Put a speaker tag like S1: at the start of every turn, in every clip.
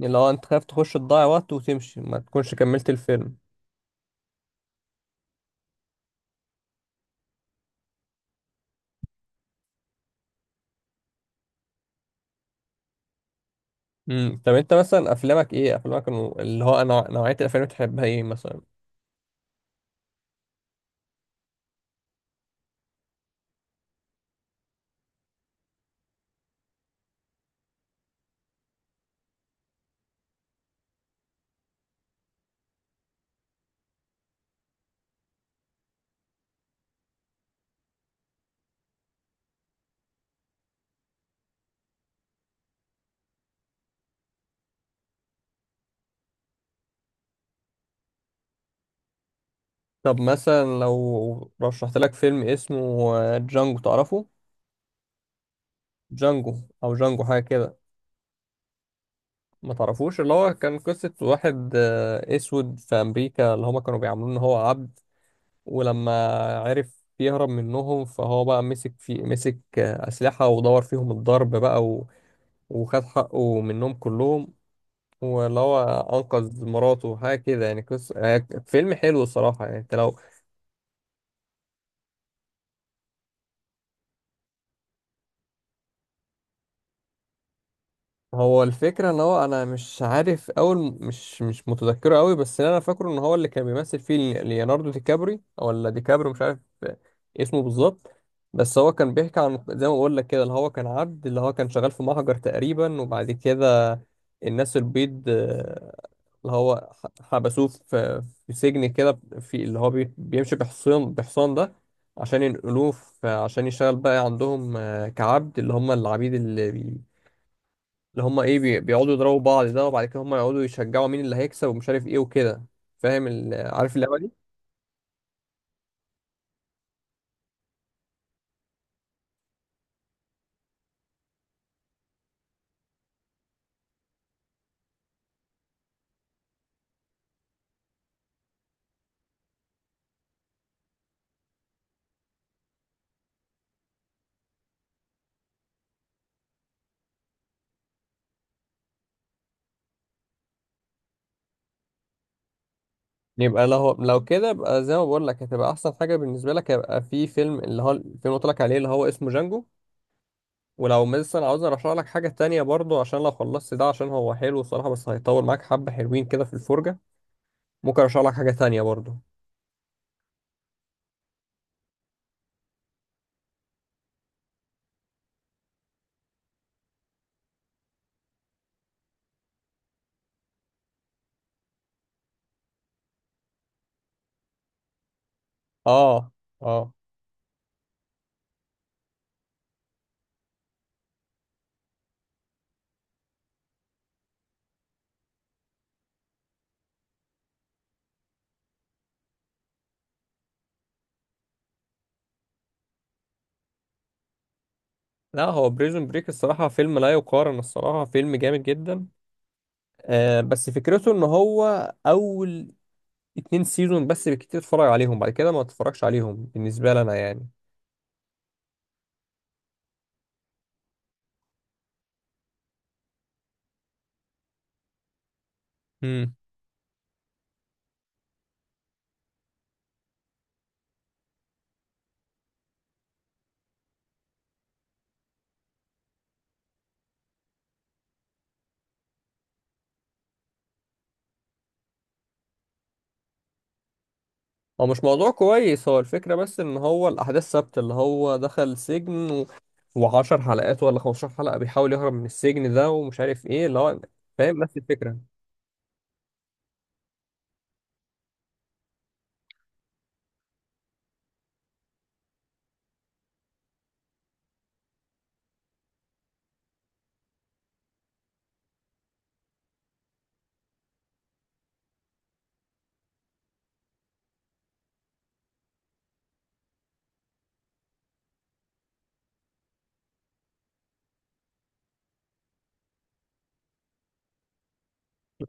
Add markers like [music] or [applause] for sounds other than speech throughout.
S1: اللي هو انت خايف تخش تضيع وقت وتمشي ما تكونش كملت الفيلم. طب انت مثلا افلامك ايه، افلامك نوعية الافلام اللي بتحبها ايه مثلا؟ طب مثلا لو رشحت لك فيلم اسمه جانجو، تعرفه؟ جانجو او جانجو حاجة كده. ما تعرفوش؟ اللي هو كان قصة واحد اسود في امريكا، اللي هما كانوا بيعاملوه ان هو عبد. ولما عرف يهرب منهم فهو بقى مسك اسلحة ودور فيهم الضرب بقى وخد حقه منهم كلهم. واللي هو انقذ مراته حاجه كده، يعني قصه، يعني فيلم حلو الصراحه، يعني انت لو... هو الفكرة ان هو انا مش عارف اول، مش متذكره قوي، بس اللي انا فاكره ان هو اللي كان بيمثل فيه ليوناردو دي كابري ولا دي كابري، مش عارف اسمه بالظبط. بس هو كان بيحكي عن، زي ما بقول لك كده، اللي هو كان عبد، اللي هو كان شغال في محجر تقريبا. وبعد كده الناس البيض اللي هو حبسوه في سجن كده، في اللي هو بيمشي بحصان، بحصان ده عشان ينقلوه عشان يشتغل بقى عندهم كعبد، اللي هم العبيد اللي هم ايه بيقعدوا يضربوا بعض ده، وبعد كده هم يقعدوا يشجعوا مين اللي هيكسب ومش عارف ايه وكده. فاهم عارف اللعبه دي؟ يبقى لو كده يبقى زي ما بقول لك هتبقى احسن حاجه بالنسبه لك، هيبقى في فيلم، اللي هو الفيلم اللي قلت لك عليه، اللي هو اسمه جانجو. ولو مثلا عاوز ارشح لك حاجه تانية برضو، عشان لو خلصت ده، عشان هو حلو الصراحه، بس هيطول معاك حبه، حلوين كده في الفرجه، ممكن ارشح لك حاجه تانية برضو. اه، اه. لا، هو بريزون بريك الصراحه فيلم لا يقارن، الصراحه فيلم جامد جدا. آه، بس فكرته ان هو اول 2 سيزون بس بالكتير اتفرج عليهم، بعد كده ما اتفرجش عليهم بالنسبة لي انا يعني. امم هو مش موضوع كويس، هو الفكرة بس ان هو الاحداث ثابتة، اللي هو دخل سجن وعشر حلقات ولا 15 حلقة بيحاول يهرب من السجن ده، ومش عارف ايه اللي هو... فاهم نفس الفكرة.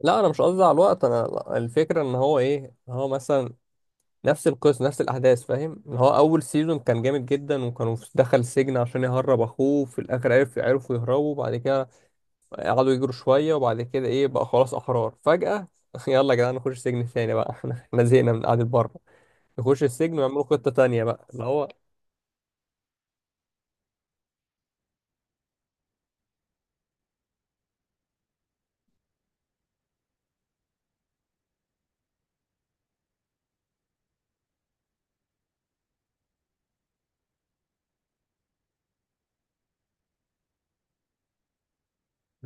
S1: لا، انا مش قصدي على الوقت انا، لا، الفكرة ان هو ايه، إن هو مثلا نفس القصة نفس الاحداث. فاهم ان هو اول سيزون كان جامد جدا، وكانوا دخل السجن عشان يهرب اخوه، في الاخر عرفوا يهربوا. بعد كده قعدوا يجروا شوية، وبعد كده ايه بقى، خلاص أحرار فجأة. [laughs] يلا يا جدعان نخش سجن تاني بقى. [laughs] احنا زهقنا من قعدة بره، يخش السجن ويعملوا خطة تانية بقى اللي هو...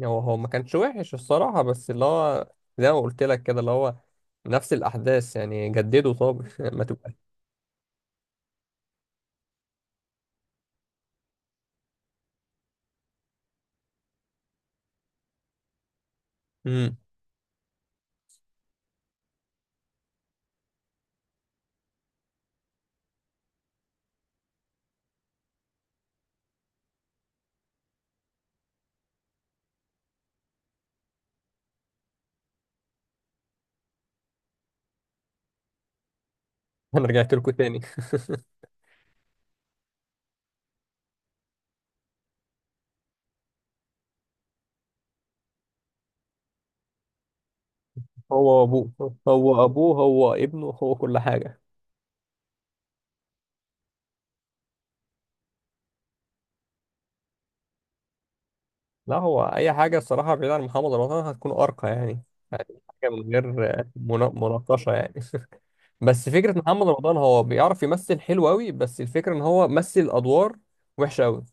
S1: هو ما كانش وحش الصراحة، بس اللي هو زي ما قلت لك كده، اللي هو نفس الأحداث يعني، جددوا طب. [laughs] ما تبقى... امم [laughs] أنا رجعت لكم تاني. [laughs] هو أبوه. هو ابنه، هو كل حاجة. لا، هو اي حاجه الصراحه بعيد عن محمد رمضان هتكون ارقى يعني. يعني حاجه من غير مناقشه يعني. [laughs] بس فكره محمد رمضان هو بيعرف يمثل حلو قوي، بس الفكره ان هو مثل ادوار وحشه قوي.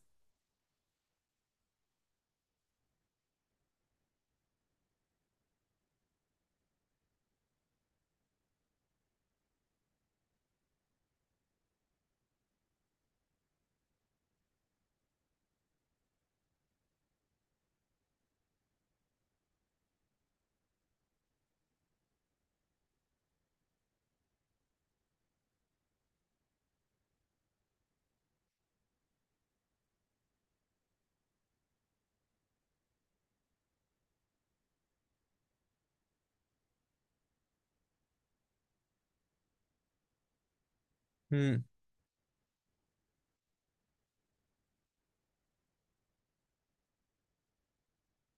S1: امم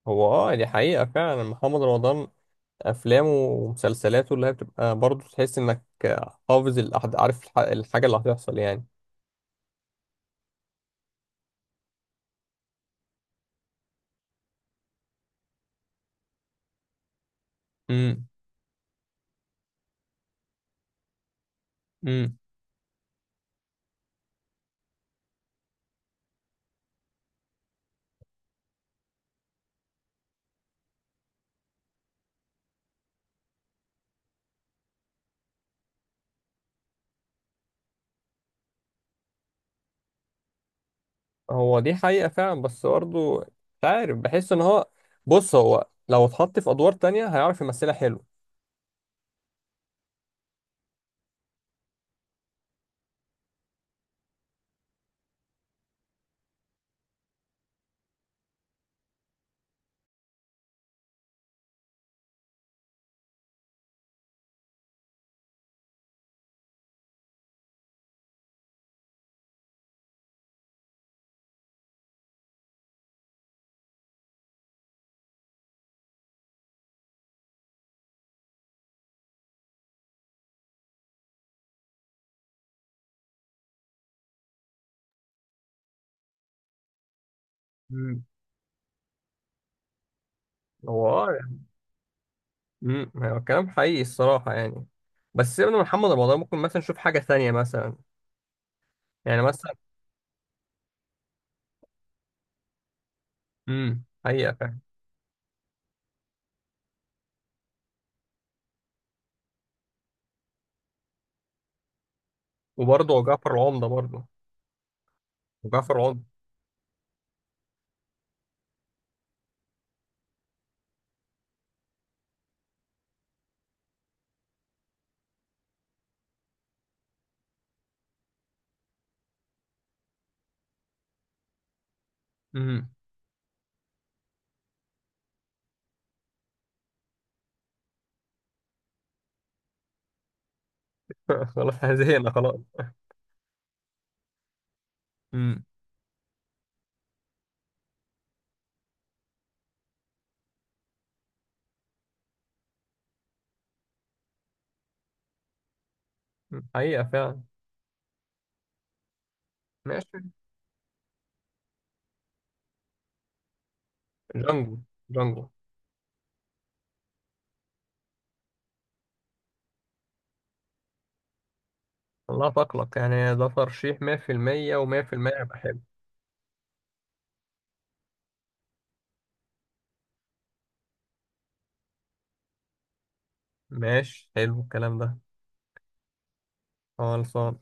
S1: هو اه، دي حقيقه فعلا. محمد رمضان افلامه ومسلسلاته اللي هي بتبقى برضه تحس انك حافظ عارف الحاجه اللي هتحصل يعني. امم امم هو دي حقيقه فعلا، بس برضه مش عارف، بحس ان هو... بص، هو لو اتحط في ادوار تانية هيعرف يمثلها حلو. مم. هو اه يعني. مم. هو كلام حقيقي الصراحة يعني. بس سيبنا من محمد رمضان، ممكن مثلا نشوف حاجة ثانية مثلا. يعني مثلا... حقيقة فعلا. وبرضه جعفر العمدة برضه، جعفر العمدة. امم [laughs] خلاص احنا زهقنا خلاص. امم حقيقة فعلا. ماشي. جانجو. جانجو. الله تقلق يعني، ده ترشيح 100% و100% هبقى حلو. ماشي، حلو الكلام ده. خلصان.